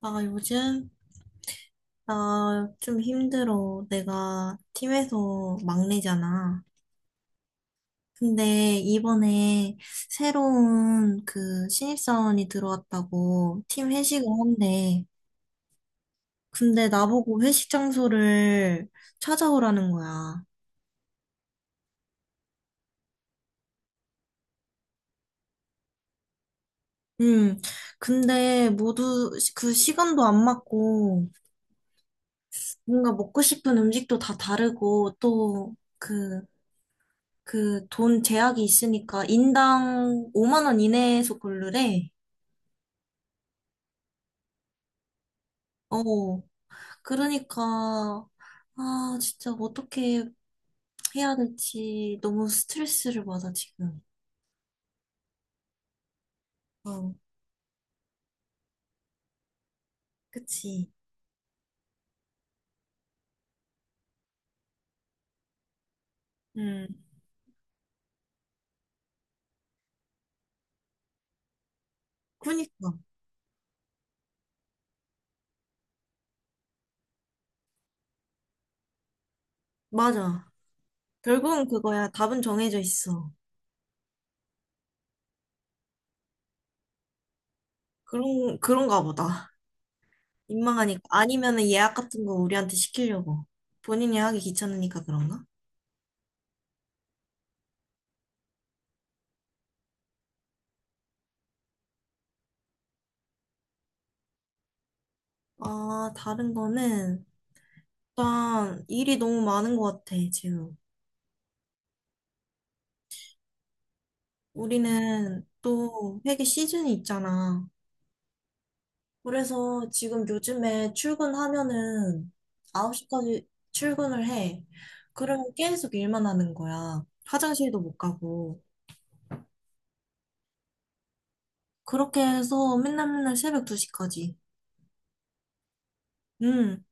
아, 요즘? 나 좀 힘들어. 내가 팀에서 막내잖아. 근데 이번에 새로운 그 신입사원이 들어왔다고 팀 회식을 한대. 근데 나보고 회식 장소를 찾아오라는 거야. 음, 근데 모두 그 시간도 안 맞고 뭔가 먹고 싶은 음식도 다 다르고 또그 그 돈 제약이 있으니까 인당 5만 원 이내에서 고르래. 어, 그러니까 아, 진짜 어떻게 해야 될지 너무 스트레스를 받아 지금. 어, 그치. 음, 그니까 맞아. 결국은 그거야. 답은 정해져 있어. 그런가 보다. 민망하니까 아니면은 예약 같은 거 우리한테 시키려고. 본인이 하기 귀찮으니까 그런가? 아, 다른 거는 일단 일이 너무 많은 것 같아, 지금. 우리는 또 회계 시즌이 있잖아. 그래서 지금 요즘에 출근하면은 9시까지 출근을 해. 그러면 계속 일만 하는 거야. 화장실도 못 가고. 그렇게 해서 맨날 맨날 새벽 2시까지. 음,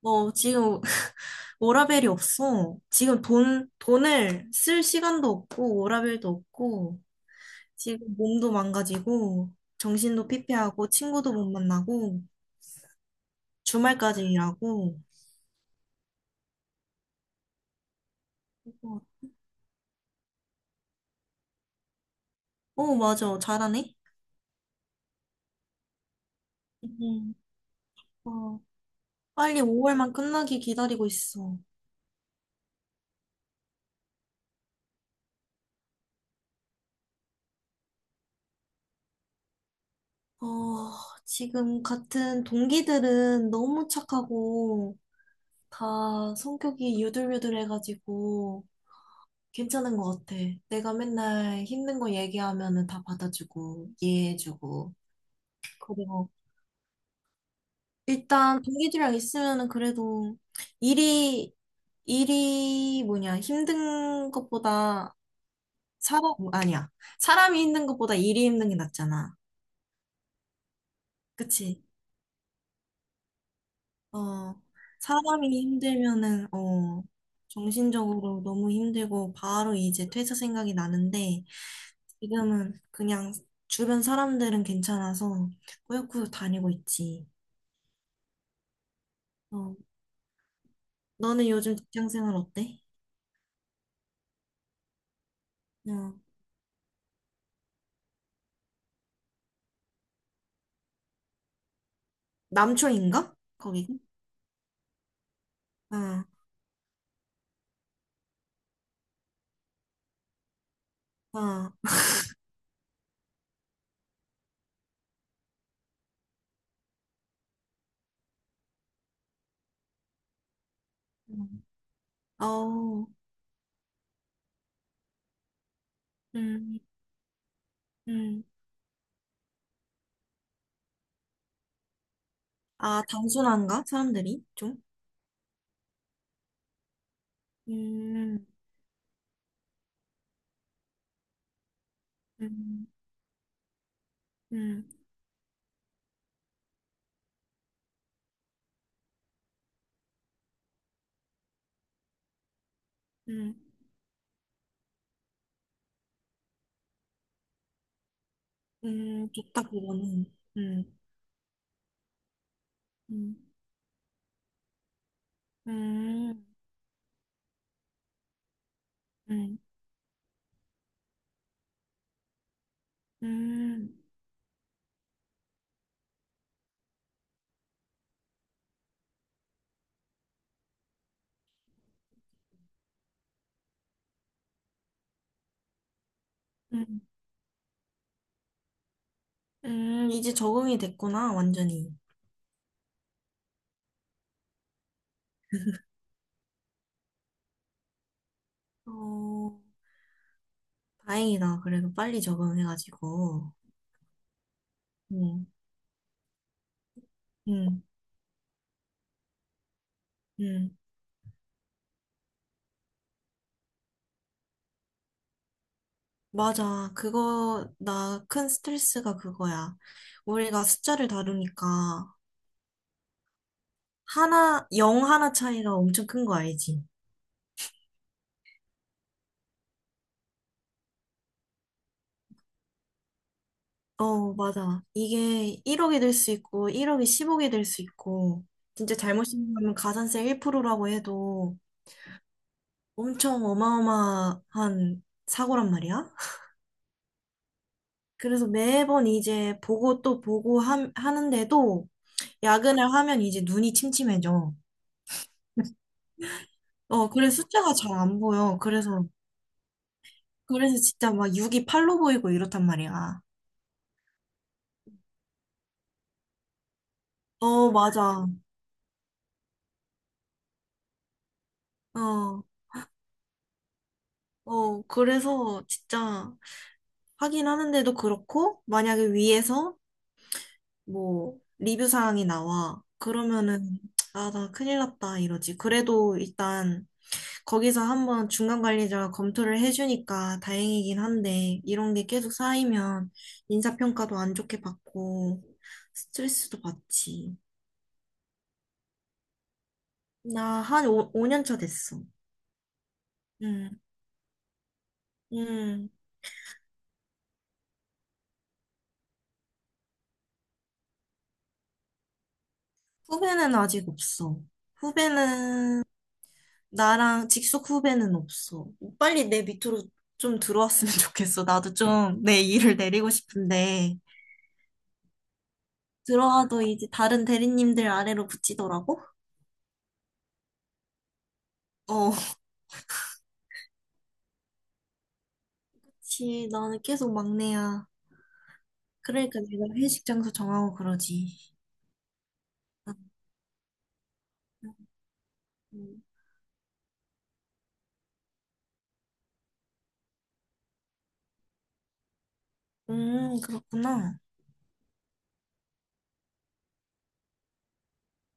뭐 지금 워라밸이 없어. 지금 돈을 쓸 시간도 없고 워라밸도 없고 지금 몸도 망가지고 정신도 피폐하고 친구도 못 만나고 주말까지 일하고 어, 맞아. 잘하네. 음. 어, 빨리 5월만 끝나길 기다리고 있어. 어, 지금 같은 동기들은 너무 착하고 다 성격이 유들유들해가지고 괜찮은 것 같아. 내가 맨날 힘든 거 얘기하면은 다 받아주고 이해해주고 그리고 일단 동기들이랑 있으면은 그래도 일이 일이 뭐냐 힘든 것보다 사람, 어, 아니야. 사람이 힘든 것보다 일이 힘든 게 낫잖아. 그치? 어, 사람이 힘들면은, 정신적으로 너무 힘들고 바로 이제 퇴사 생각이 나는데 지금은 그냥 주변 사람들은 괜찮아서 꾸역꾸역 다니고 있지. 어, 너는 요즘 직장 생활 어때? 어, 남초인가? 거기? 아, 아, 음, 어우, 음, 음. 아, 단순한가? 사람들이 좀? 음, 음. 음, 음, 좋다, 그거는. 음, 음, 음, 음, 음, 음, 이제 적응이 됐구나, 완전히. 어, 다행이다. 그래도 빨리 적응해가지고. 음, 음, 음. 맞아. 그거, 나 큰 스트레스가 그거야. 우리가 숫자를 다루니까, 하나, 영 하나 차이가 엄청 큰 거 알지? 어, 맞아. 이게 1억이 될 수 있고, 1억이 10억이 될 수 있고, 진짜 잘못 신고하면 가산세 1%라고 해도 엄청 어마어마한 사고란 말이야. 그래서 매번 이제 보고 또 보고 하는데도 야근을 하면 이제 눈이 침침해져. 어, 그래서 숫자가 잘 안 보여. 그래서 진짜 막 6이 8로 보이고 이렇단 말이야. 어, 맞아. 어, 어, 그래서 진짜 하긴 하는데도 그렇고, 만약에 위에서 뭐 리뷰 사항이 나와. 그러면은 아, 나 큰일 났다 이러지. 그래도 일단 거기서 한번 중간 관리자가 검토를 해주니까 다행이긴 한데 이런 게 계속 쌓이면 인사평가도 안 좋게 받고 스트레스도 받지. 나 한 5년 차 됐어. 응, 응. 후배는 아직 없어. 후배는 나랑 직속 후배는 없어. 빨리 내 밑으로 좀 들어왔으면 좋겠어. 나도 좀 내 일을 내리고 싶은데. 들어와도 이제 다른 대리님들 아래로 붙이더라고? 어. 그치, 나는 계속 막내야. 그러니까 내가 회식 장소 정하고 그러지. 아, 음, 그렇구나.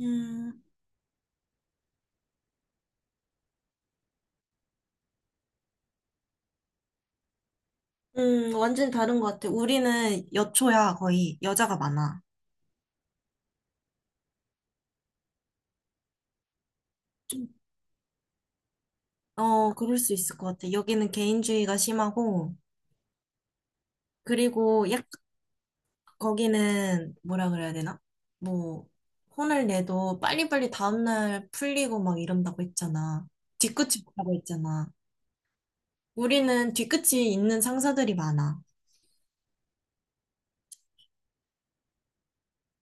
음, 완전 다른 것 같아. 우리는 여초야, 거의. 여자가 많아. 좀, 어, 그럴 수 있을 것 같아. 여기는 개인주의가 심하고, 그리고 약점이 거기는 뭐라 그래야 되나? 뭐 혼을 내도 빨리빨리 다음날 풀리고 막 이런다고 했잖아. 뒤끝이 없다고 했잖아. 우리는 뒤끝이 있는 상사들이 많아.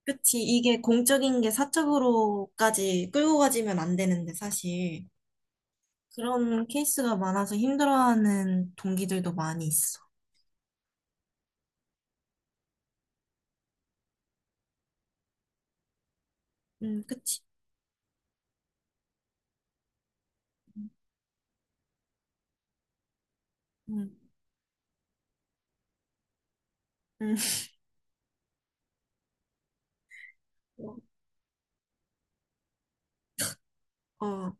그치? 이게 공적인 게 사적으로까지 끌고 가지면 안 되는데 사실 그런 케이스가 많아서 힘들어하는 동기들도 많이 있어. 그치? 음, 음. 어, 어,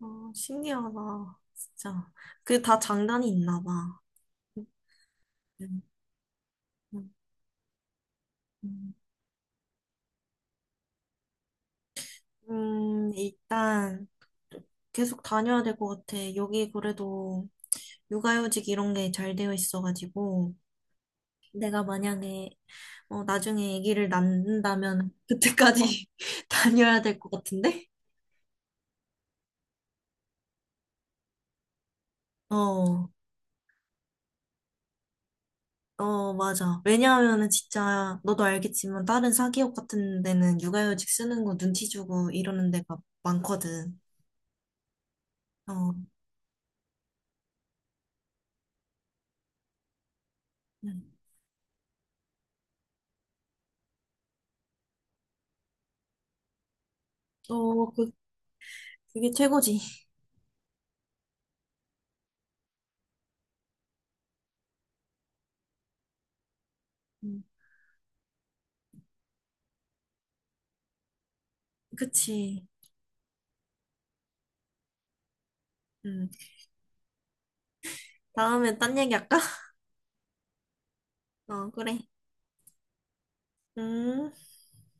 어, 신기하다. 진짜. 그게 다 장단이 있나 봐. 응. 음, 일단 계속 다녀야 될 것 같아. 여기 그래도 육아휴직 이런 게 잘 되어 있어가지고 내가 만약에 나중에 아기를 낳는다면 그때까지 다녀야 될 것 같은데? 어, 어, 맞아. 왜냐하면은 진짜 너도 알겠지만 다른 사기업 같은 데는 육아휴직 쓰는 거 눈치 주고 이러는 데가 많거든. 어, 음. 어, 그게 최고지. 음, 그치. 음. 다음에 딴 얘기 할까? 어, 그래. 음.